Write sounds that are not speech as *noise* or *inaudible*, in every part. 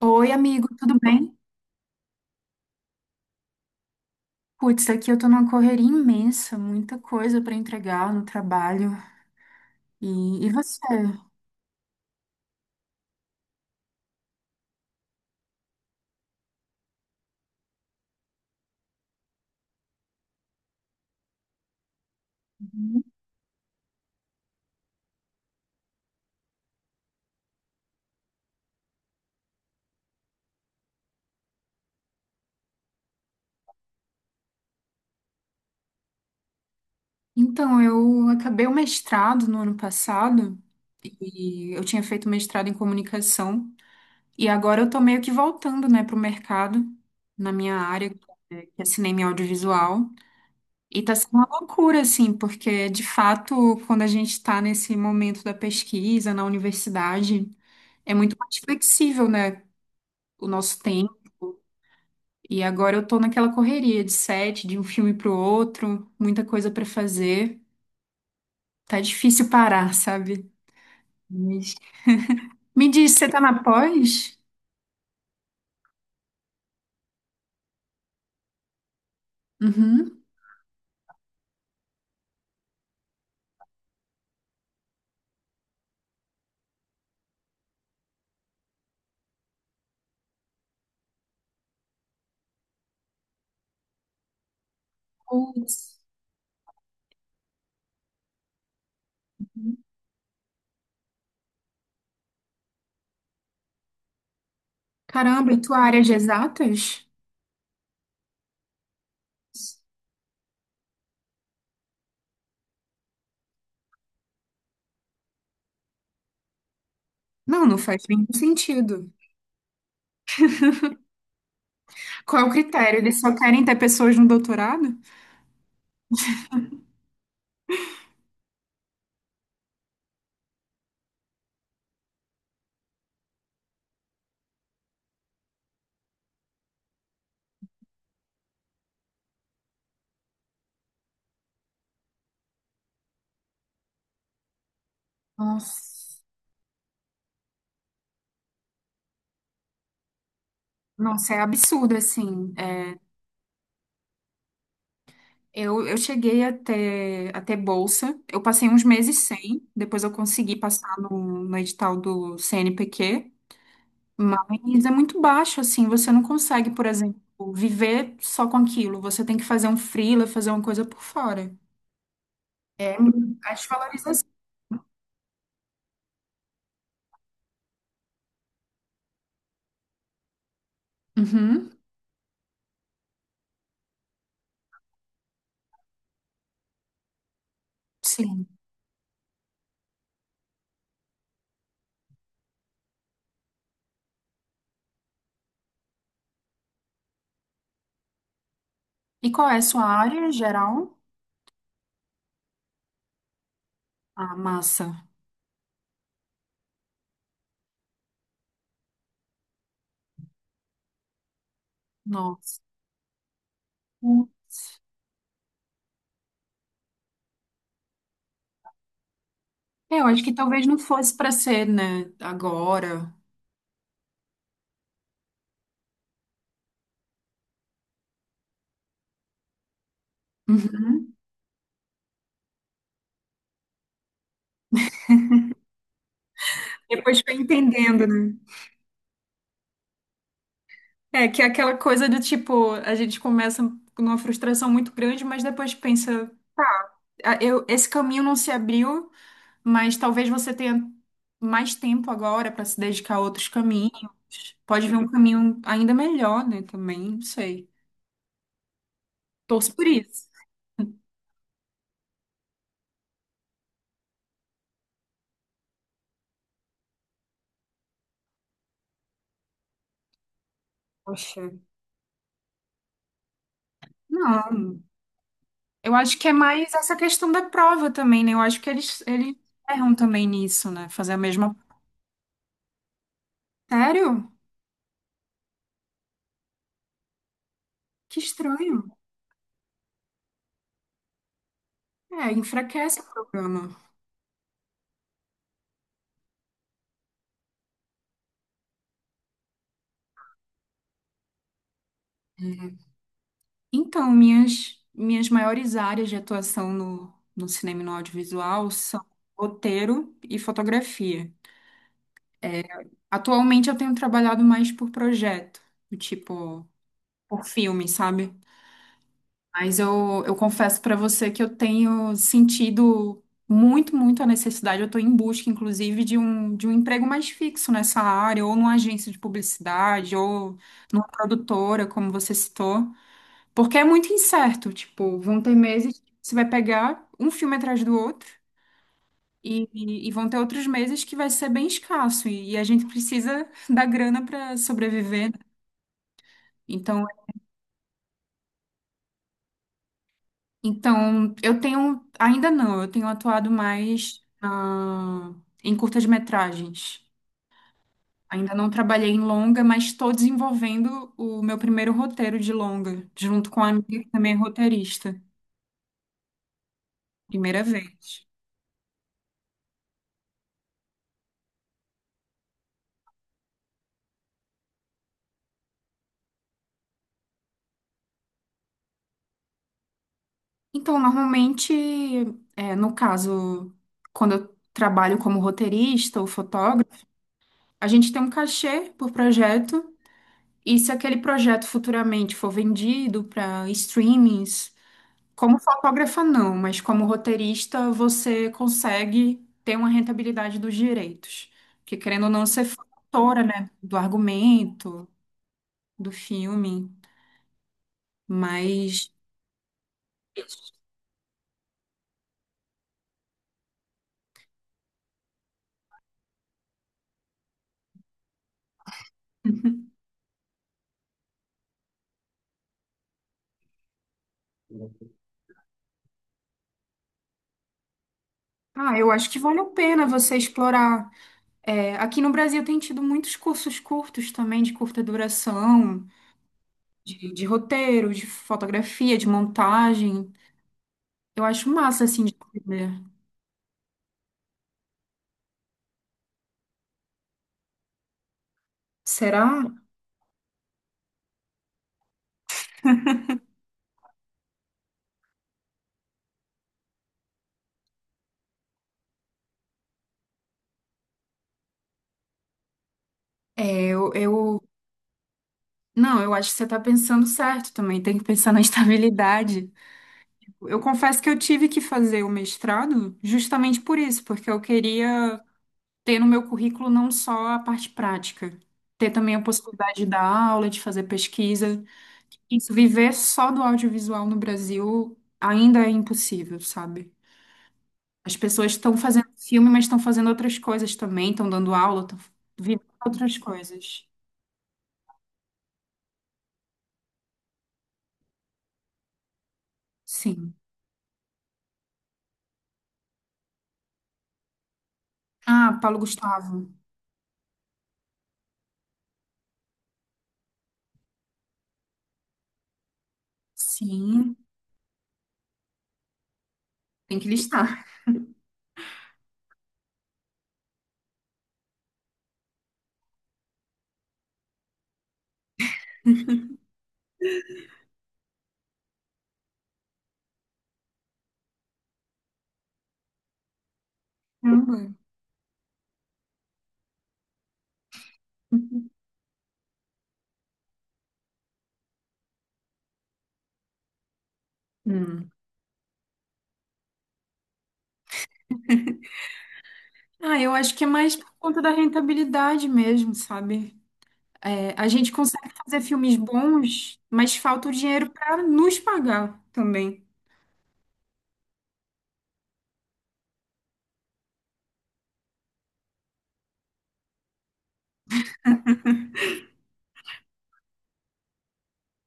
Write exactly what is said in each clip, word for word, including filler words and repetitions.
Oi, amigo, tudo bem? Putz, aqui eu tô numa correria imensa, muita coisa pra entregar no trabalho. E, e você? Uhum. Então, eu acabei o mestrado no ano passado e eu tinha feito mestrado em comunicação e agora eu tô meio que voltando, né, pro mercado na minha área, que é que é cinema e audiovisual. E tá sendo uma loucura, assim, porque de fato, quando a gente tá nesse momento da pesquisa na universidade, é muito mais flexível, né? O nosso tempo. E agora eu tô naquela correria de sete, de um filme pro outro, muita coisa pra fazer. Tá difícil parar, sabe? Mas- me diz, você tá na pós? Uhum. Putz. Caramba, e tua área de exatas? Não, não faz nenhum sentido. Qual é o critério? Eles só querem ter pessoas no doutorado? Nossa, nossa, é absurdo, assim. Eu, eu cheguei até, até bolsa. Eu passei uns meses sem, depois eu consegui passar no, no edital do cê ene pê quê, mas é muito baixo, assim, você não consegue, por exemplo, viver só com aquilo. Você tem que fazer um freela, fazer uma coisa por fora. É a desvalorização. Uhum, sim. E qual é a sua área geral? Ah, massa. Nossa. Putz. É, eu acho que talvez não fosse para ser, né, agora. Uhum. Depois foi entendendo, né? É, que é aquela coisa do tipo, a gente começa numa frustração muito grande, mas depois pensa, "Ah, eu, esse caminho não se abriu, mas talvez você tenha mais tempo agora para se dedicar a outros caminhos. Pode vir um caminho ainda melhor, né? Também, não sei. Torço por isso." Poxa. Não, eu acho que é mais essa questão da prova também, né? Eu acho que eles, eles erram também nisso, né? Fazer a mesma. Sério? Que estranho. É, enfraquece o programa. Então, minhas, minhas maiores áreas de atuação no, no cinema e no audiovisual são roteiro e fotografia. Atualmente eu tenho trabalhado mais por projeto, do tipo, por filme, sabe? Mas eu, eu confesso pra você que eu tenho sentido muito, muito a necessidade. Eu tô em busca, inclusive, de um, de um emprego mais fixo nessa área, ou numa agência de publicidade, ou numa produtora, como você citou. Porque é muito incerto, tipo, vão ter meses que você vai pegar um filme atrás do outro e, e- e vão ter outros meses que vai ser bem escasso e, e a gente precisa *laughs* da grana para sobreviver, né? Então, então eu tenho, ainda não, eu tenho atuado mais na- em curtas-metragens. Ainda não trabalhei em longa, mas estou desenvolvendo o meu primeiro roteiro de longa, junto com a amiga que também é roteirista. Primeira vez. Então, normalmente, é, no caso, quando eu trabalho como roteirista ou fotógrafo, a gente tem um cachê por projeto, e se aquele projeto futuramente for vendido para streamings, como fotógrafa não, mas como roteirista você consegue ter uma rentabilidade dos direitos. Porque querendo ou não, você foi autora, né, do argumento, do filme, mas ah, eu acho que vale a pena você explorar. É, aqui no Brasil tem tido muitos cursos curtos também, de curta duração, de, de roteiro, de fotografia, de montagem. Eu acho massa, assim, de aprender. Será? É, Eu, eu... Não, eu acho que você está pensando certo também, tem que pensar na *laughs* estabilidade. Eu confesso que eu tive que fazer o mestrado justamente por isso, porque eu queria ter no meu currículo não só a parte prática, ter também a possibilidade de dar aula, de fazer pesquisa. Isso, viver só do audiovisual no Brasil ainda é impossível, sabe? As pessoas estão fazendo filme, mas estão fazendo outras coisas também, estão dando aula, estão vivendo outras coisas. Sim. Ah, Paulo Gustavo. Sim, tem que listar. Caramba. *laughs* Hum. Ah, eu acho que é mais por conta da rentabilidade mesmo, sabe? É, a gente consegue fazer filmes bons, mas falta o dinheiro para nos pagar também.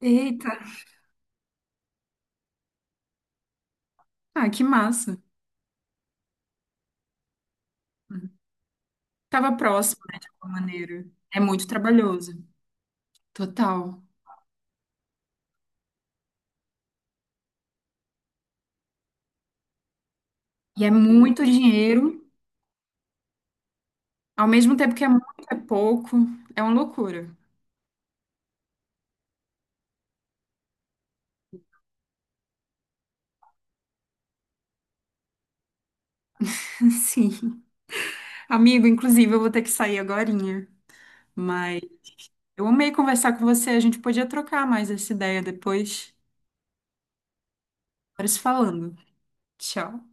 Eita. Ah, que massa. Tava próximo, né, de alguma maneira. É muito trabalhoso, total. E é muito dinheiro, ao mesmo tempo que é muito, é pouco. É uma loucura. *laughs* Sim. Amigo, inclusive, eu vou ter que sair agorinha. Mas eu amei conversar com você. A gente podia trocar mais essa ideia depois. Bora se falando. Tchau.